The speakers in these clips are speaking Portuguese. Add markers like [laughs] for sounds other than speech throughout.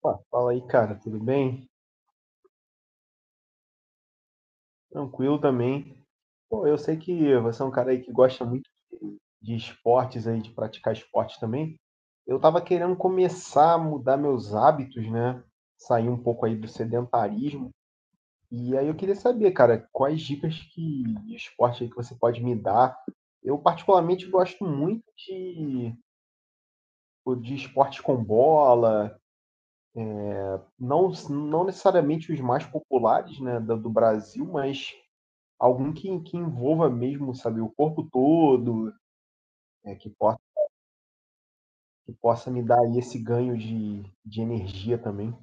Pá, fala aí, cara, tudo bem? Tranquilo também. Pô, eu sei que você é um cara aí que gosta muito de esportes aí, de praticar esporte também. Eu tava querendo começar a mudar meus hábitos, né? Sair um pouco aí do sedentarismo. E aí eu queria saber, cara, quais dicas que, de esporte aí que você pode me dar? Eu particularmente gosto muito de esporte com bola, não, não necessariamente os mais populares, né, do Brasil, mas algum que envolva mesmo, sabe, o corpo todo, é, que possa me dar aí esse ganho de energia também.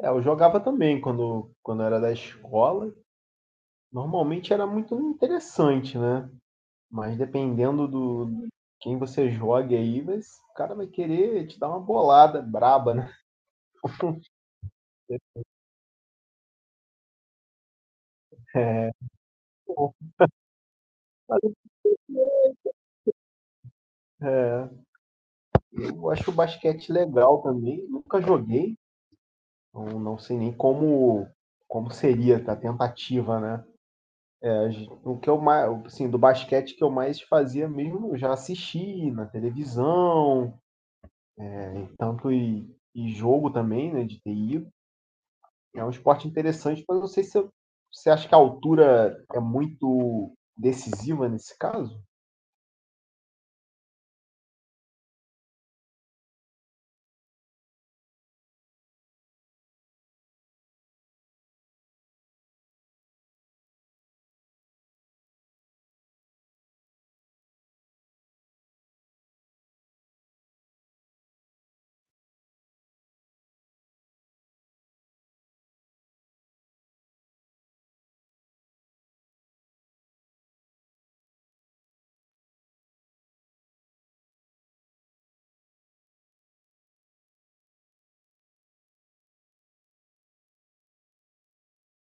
É, eu jogava também quando, quando era da escola. Normalmente era muito interessante, né? Mas dependendo do de quem você jogue aí, mas o cara vai querer te dar uma bolada braba, né? [laughs] É, eu acho o basquete legal também. Nunca joguei, não, não sei nem como, como seria a tentativa, né? O que eu mais, assim, do basquete que eu mais fazia mesmo, eu já assisti na televisão, tanto e jogo também, né, de TI. É um esporte interessante, mas eu não sei se eu- você acha que a altura é muito decisiva nesse caso.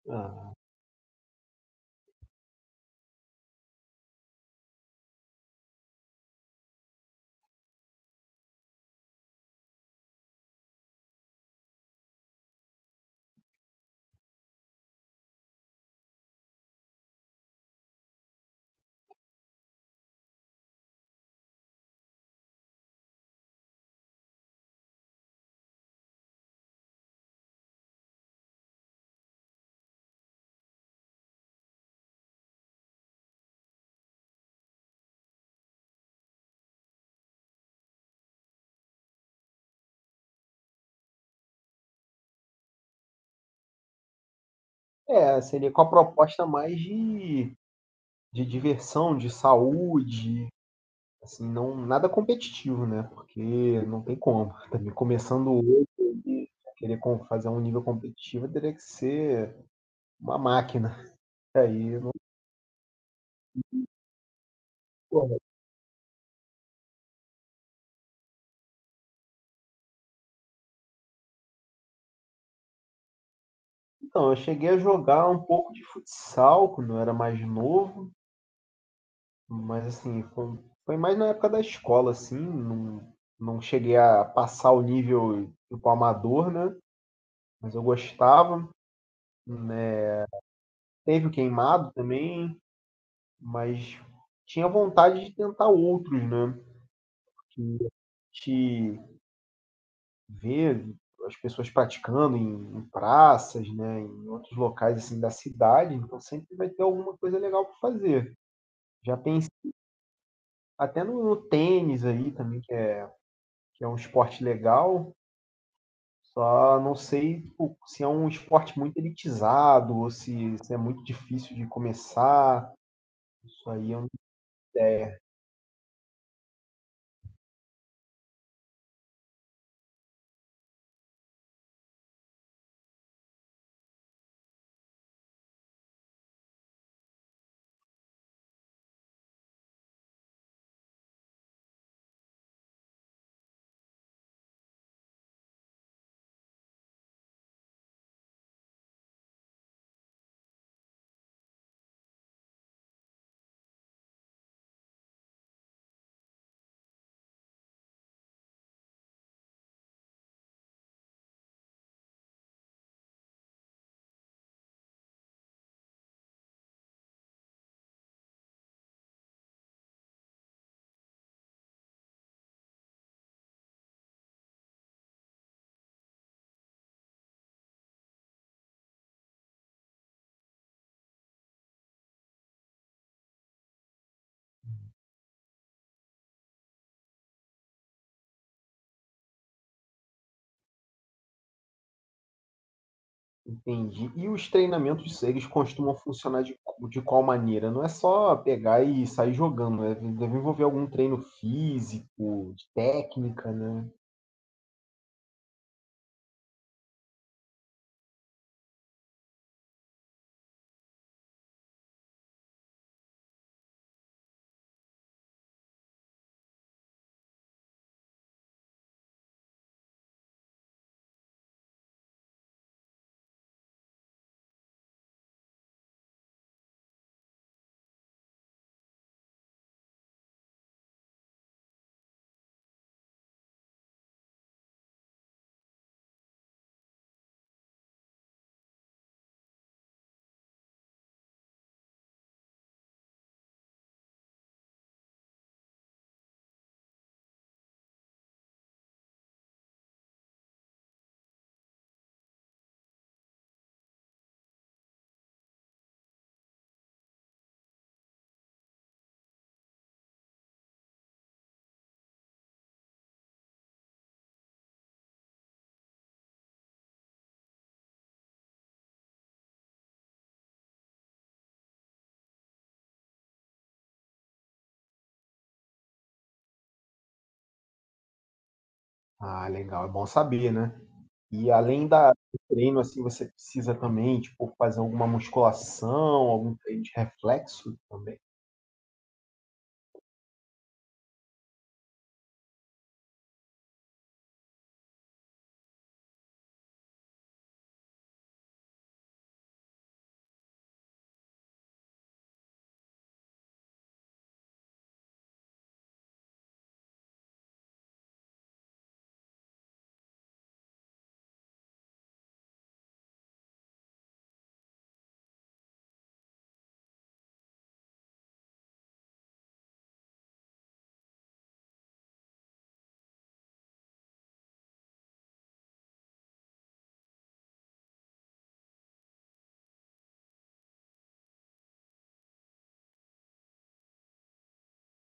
Ah, é, seria com a proposta mais de diversão, de saúde, assim, não nada competitivo, né? Porque não tem como. Também começando hoje, querer com- fazer um nível competitivo teria que ser uma máquina. [laughs] Aí, não- Pô, então, eu cheguei a jogar um pouco de futsal quando eu era mais novo, mas assim, foi, foi mais na época da escola, assim, não, não cheguei a passar o nível tipo amador, né? Mas eu gostava, né? Teve o queimado também, mas tinha vontade de tentar outros, né? Que te ver as pessoas praticando em, em praças, né, em outros locais assim da cidade, então sempre vai ter alguma coisa legal para fazer. Já pensei até no, no tênis aí também, que é um esporte legal, só não sei tipo, se é um esporte muito elitizado ou se é muito difícil de começar. Isso aí eu entendi. E os treinamentos, eles costumam funcionar de qual maneira? Não é só pegar e sair jogando, né? Deve envolver algum treino físico, de técnica, né? Ah, legal, é bom saber, né? E além da, do treino, assim, você precisa também, tipo, fazer alguma musculação, algum treino de reflexo também.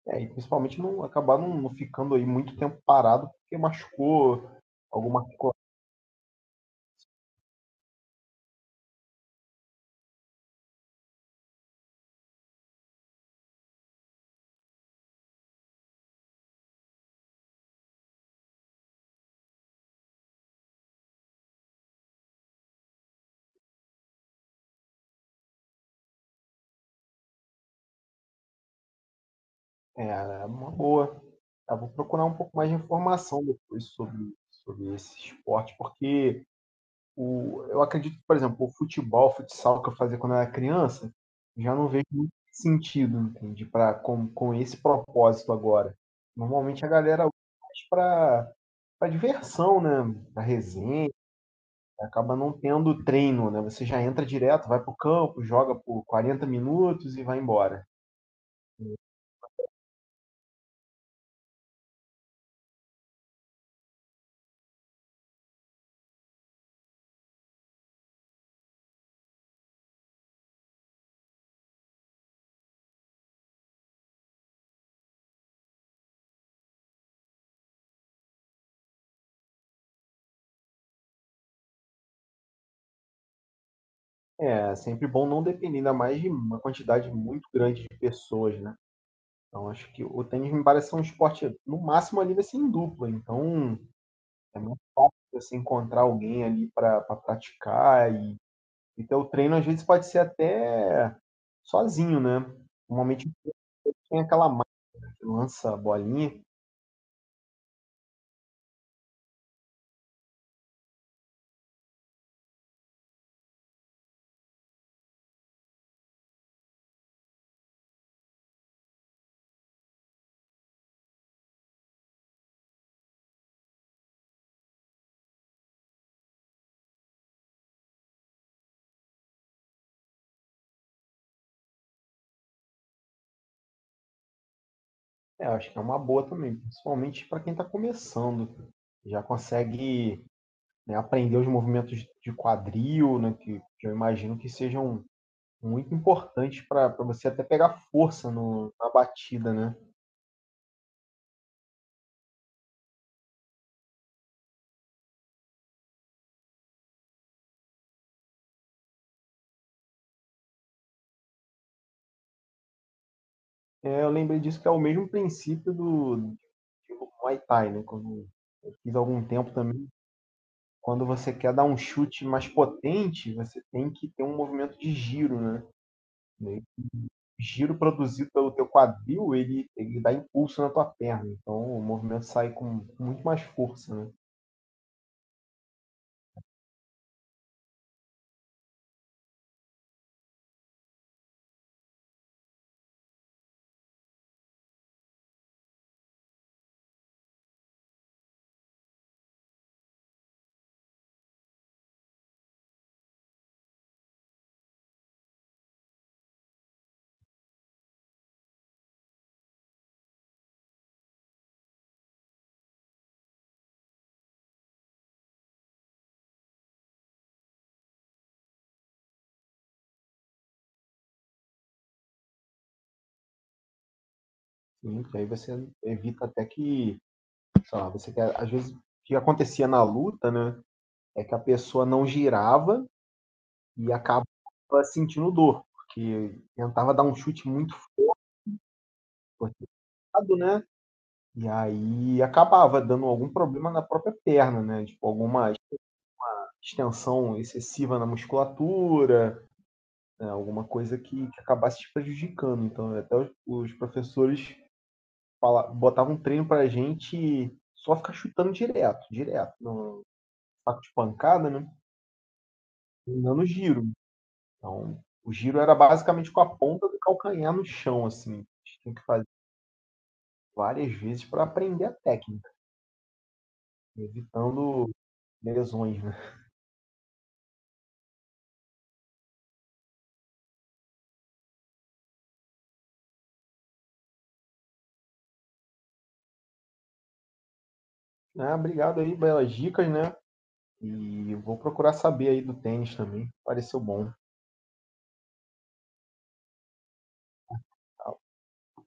É, e principalmente não acabar não, não ficando aí muito tempo parado porque machucou alguma... É, é uma boa. Eu vou procurar um pouco mais de informação depois sobre, sobre esse esporte, porque o, eu acredito que, por exemplo, o futebol, o futsal que eu fazia quando eu era criança, já não vejo muito sentido, entende? Pra, com esse propósito agora. Normalmente a galera usa mais para para diversão, né? Para resenha, acaba não tendo treino, né? Você já entra direto, vai para o campo, joga por 40 minutos e vai embora. É, é sempre bom não depender, ainda mais de uma quantidade muito grande de pessoas, né. Então acho que o tênis me parece ser um esporte, no máximo ali vai ser em dupla, então é muito fácil você encontrar alguém ali para praticar e ter o treino às vezes pode ser até sozinho, né. Normalmente tem aquela máquina que lança a bolinha, é, eu acho que é uma boa também, principalmente para quem está começando. Já consegue, né, aprender os movimentos de quadril, né, que eu imagino que sejam muito importante para você até pegar força no, na batida, né? É, eu lembrei disso que é o mesmo princípio do, do Muay Thai, né? Quando eu fiz algum tempo também. Quando você quer dar um chute mais potente, você tem que ter um movimento de giro, né? O giro produzido pelo teu quadril, ele dá impulso na tua perna. Então o movimento sai com muito mais força, né? E aí você evita até que, sei lá, você quer, às vezes o que acontecia na luta, né? É que a pessoa não girava e acabava sentindo dor, porque tentava dar um chute muito forçado, né? E aí acabava dando algum problema na própria perna, né? Tipo, alguma extensão excessiva na musculatura, né? Alguma coisa que acabasse te prejudicando. Então, até os professores fala, botavam um treino pra gente só ficar chutando direto, direto, no saco de pancada, né? Dando giro. Então, o giro era basicamente com a ponta do calcanhar no chão, assim. A gente tinha que fazer várias vezes para aprender a técnica, evitando lesões, né? Ah, obrigado aí, belas dicas, né? E vou procurar saber aí do tênis também. Pareceu bom. Tá?